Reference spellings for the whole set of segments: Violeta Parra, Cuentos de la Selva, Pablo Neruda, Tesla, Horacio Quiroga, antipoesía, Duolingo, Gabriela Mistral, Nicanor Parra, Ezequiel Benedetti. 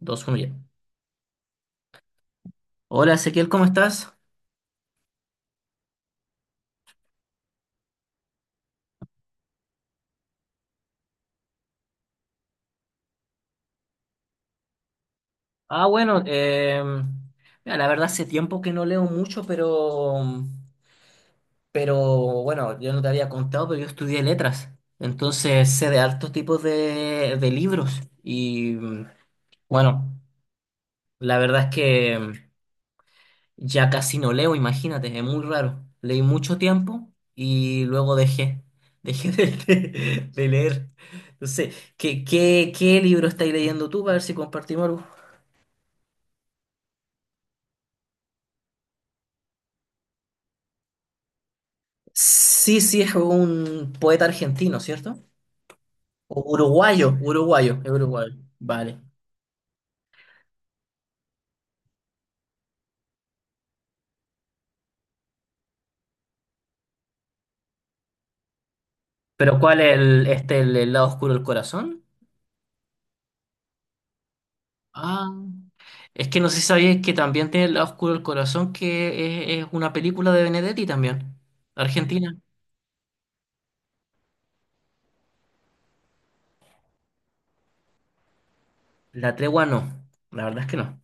Dos, uno ya. Hola Ezequiel, ¿cómo estás? Ah, bueno, mira, la verdad hace tiempo que no leo mucho, pero bueno, yo no te había contado, pero yo estudié letras, entonces sé de altos tipos de libros y bueno, la verdad es que ya casi no leo, imagínate, es muy raro. Leí mucho tiempo y luego dejé de leer. Entonces, ¿qué libro estáis leyendo tú? Para ver si compartimos algo. Sí, sí, es un poeta argentino, ¿cierto? O uruguayo, uruguayo, es uruguayo. Vale. ¿Pero cuál es el lado oscuro del corazón? Ah, es que no sé si sabías que también tiene el lado oscuro del corazón, que es una película de Benedetti también, Argentina. La tregua no, la verdad es que no.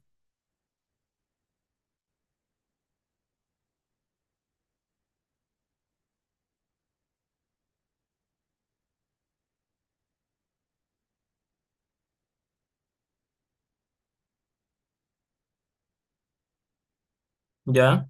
¿Ya?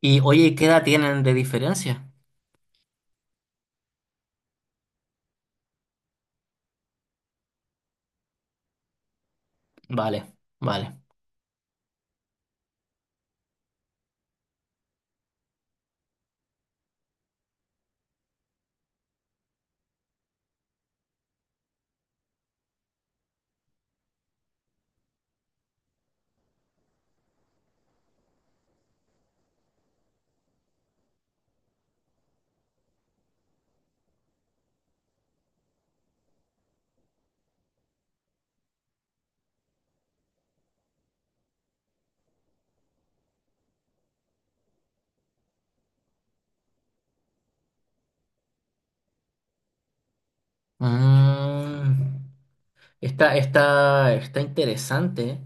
Y oye, ¿qué edad tienen de diferencia? Vale, vale. Mm. Está interesante.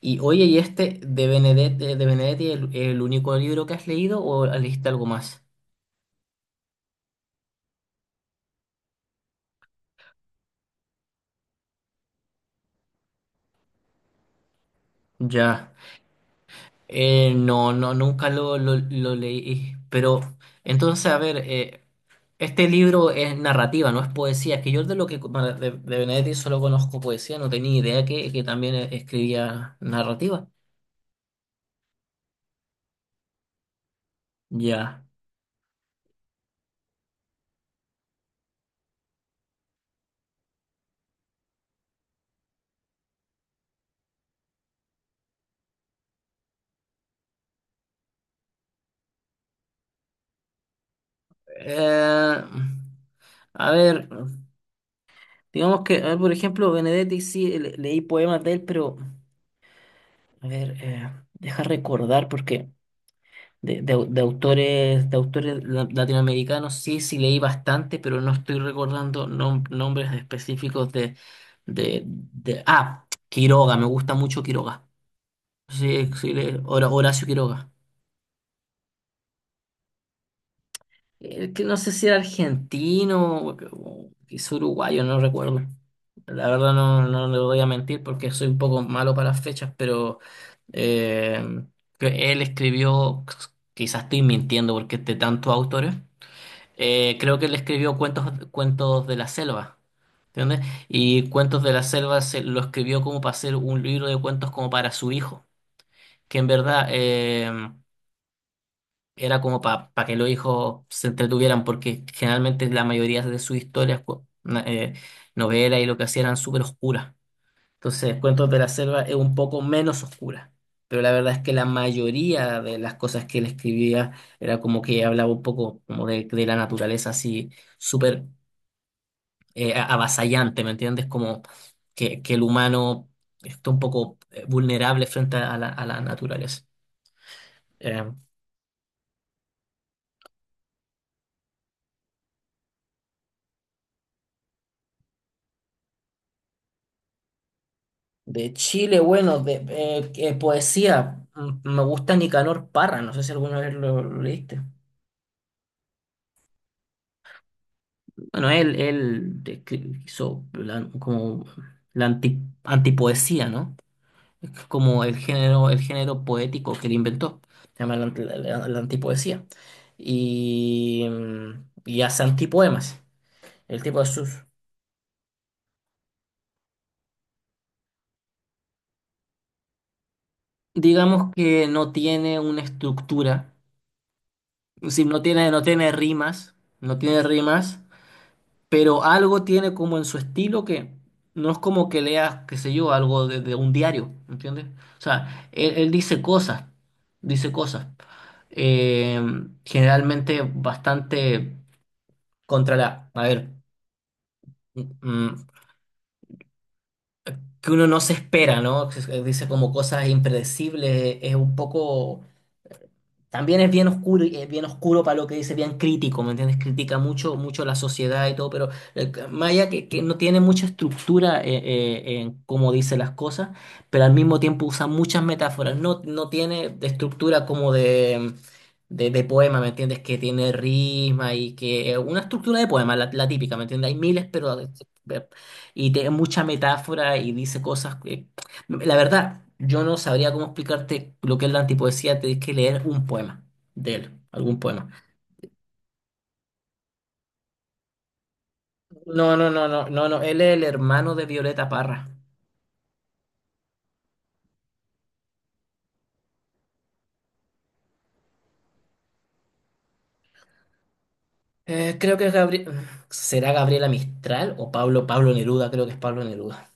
Y oye, ¿y este de Benedetti el único libro que has leído o leíste algo más? Ya. No, no, nunca lo leí. Pero entonces, a ver, este libro es narrativa, no es poesía. Es que yo de lo que bueno, de Benedetti solo conozco poesía, no tenía idea que también escribía narrativa. Ya. Eh, a ver. Digamos que, a ver, por ejemplo, Benedetti sí leí poemas de él, pero a ver, deja recordar porque de autores latinoamericanos sí sí leí bastante, pero no estoy recordando nombres específicos ah, Quiroga, me gusta mucho Quiroga. Sí, sí, Horacio Quiroga. Que no sé si era argentino o quizá uruguayo, no recuerdo. La verdad no, no le voy a mentir porque soy un poco malo para las fechas, pero eh, que él escribió, quizás estoy mintiendo porque es de tantos autores, creo que él escribió cuentos, cuentos de la selva, ¿entiendes? Y Cuentos de la Selva lo escribió como para hacer un libro de cuentos como para su hijo, que en verdad era como para que los hijos se entretuvieran, porque generalmente la mayoría de sus historias, novelas y lo que hacían eran súper oscuras. Entonces, Cuentos de la Selva es un poco menos oscura, pero la verdad es que la mayoría de las cosas que él escribía era como que hablaba un poco como de la naturaleza así súper avasallante, ¿me entiendes? Como que el humano está un poco vulnerable frente a a la naturaleza. Eh, de Chile, bueno, de que poesía, mm, me gusta Nicanor Parra, no sé si alguna vez lo leíste. Bueno, hizo antipoesía, ¿no? Es como el género poético que él inventó, se llama la antipoesía. Y, y hace antipoemas. El tipo de sus, digamos que no tiene una estructura, es decir, no tiene rimas, no tiene rimas, pero algo tiene como en su estilo que no es como que leas, qué sé yo, algo de un diario, ¿entiendes? O sea, él dice cosas, eh, generalmente bastante contra la, a ver, mm, mm, que uno no se espera, ¿no? Dice como cosas impredecibles, es un poco también es bien oscuro, y es bien oscuro para lo que dice, bien crítico, ¿me entiendes? Critica mucho, mucho la sociedad y todo, pero Maya que no tiene mucha estructura en cómo dice las cosas, pero al mismo tiempo usa muchas metáforas. No, no tiene de estructura como de poema, ¿me entiendes? Que tiene risma y que, una estructura de poema, la típica, ¿me entiendes? Hay miles, pero, y tiene mucha metáfora y dice cosas, la verdad, yo no sabría cómo explicarte lo que es la antipoesía, tenés que leer un poema de él, algún poema. No, no, no, no, no, no, él es el hermano de Violeta Parra. Creo que es Gabriel, ¿será Gabriela Mistral o Pablo Neruda? Creo que es Pablo Neruda.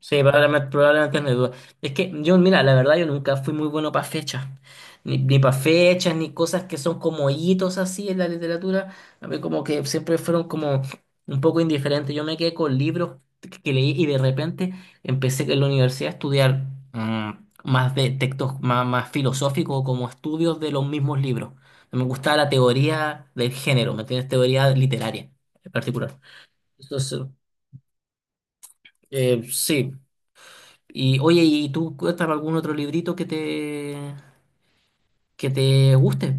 Sí, probablemente, probablemente es mi duda. Es que yo, mira, la verdad yo nunca fui muy bueno para fechas, ni para fechas, ni cosas que son como hitos así en la literatura. A mí como que siempre fueron como un poco indiferentes. Yo me quedé con libros que leí y de repente empecé en la universidad a estudiar mm, más de textos más filosóficos, como estudios de los mismos libros. Me gustaba la teoría del género, ¿me entiendes? Teoría literaria en particular. Entonces, sí. Y oye, ¿y tú cuéntame algún otro librito que te guste?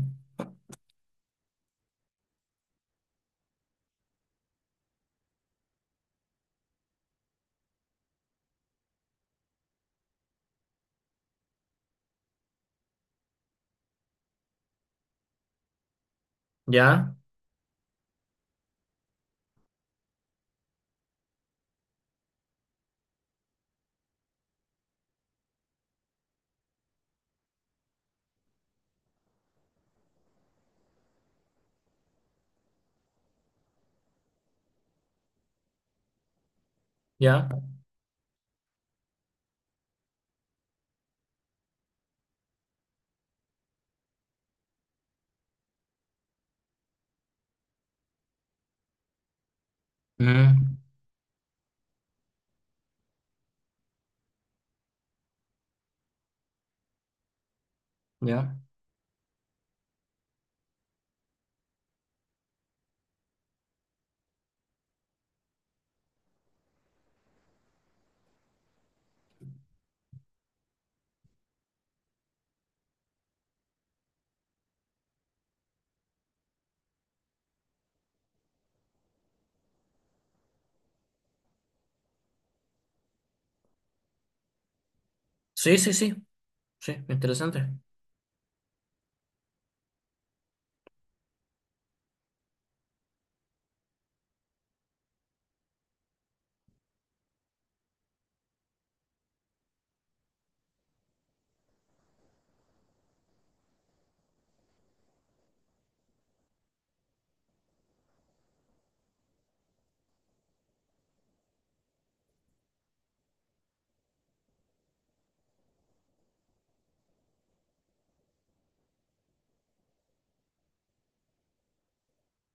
Ya, ya, mm, ya. Sí, sí, sí, sí, interesante.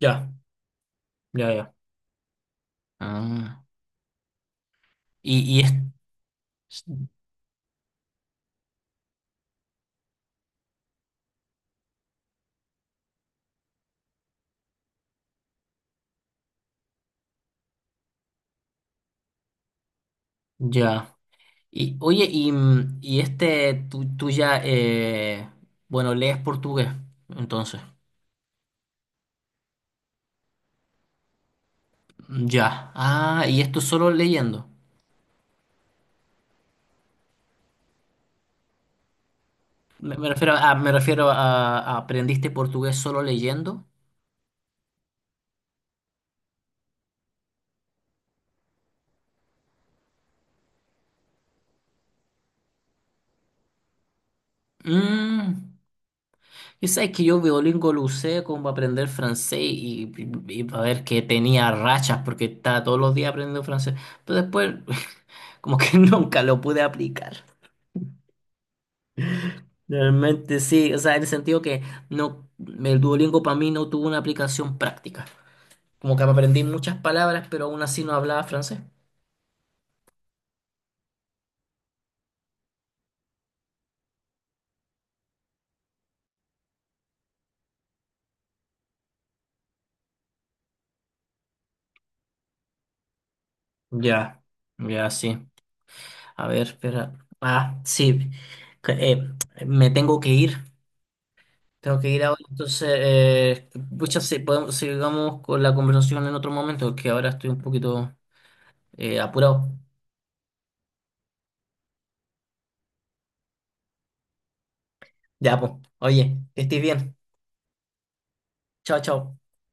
Ya, ya, ya, ah. Y es, ya. Y oye, y, mm, y este, tú ya, bueno, lees portugués, entonces. Ya. Ah, y esto solo leyendo. Me refiero a, ¿aprendiste portugués solo leyendo? Mm. Y sabes que yo Duolingo lo usé como para aprender francés y para ver que tenía rachas porque estaba todos los días aprendiendo francés. Pero después como que nunca lo pude aplicar. Realmente sí, o sea, en el sentido que no, el Duolingo para mí no tuvo una aplicación práctica. Como que aprendí muchas palabras, pero aún así no hablaba francés. Ya, ya sí. A ver, espera. Ah, sí. Que, me tengo que ir. Tengo que ir ahora, entonces, pucha, sí, podemos, sigamos con la conversación en otro momento, que ahora estoy un poquito apurado. Ya, pues, oye, que estés bien. Chao, chao.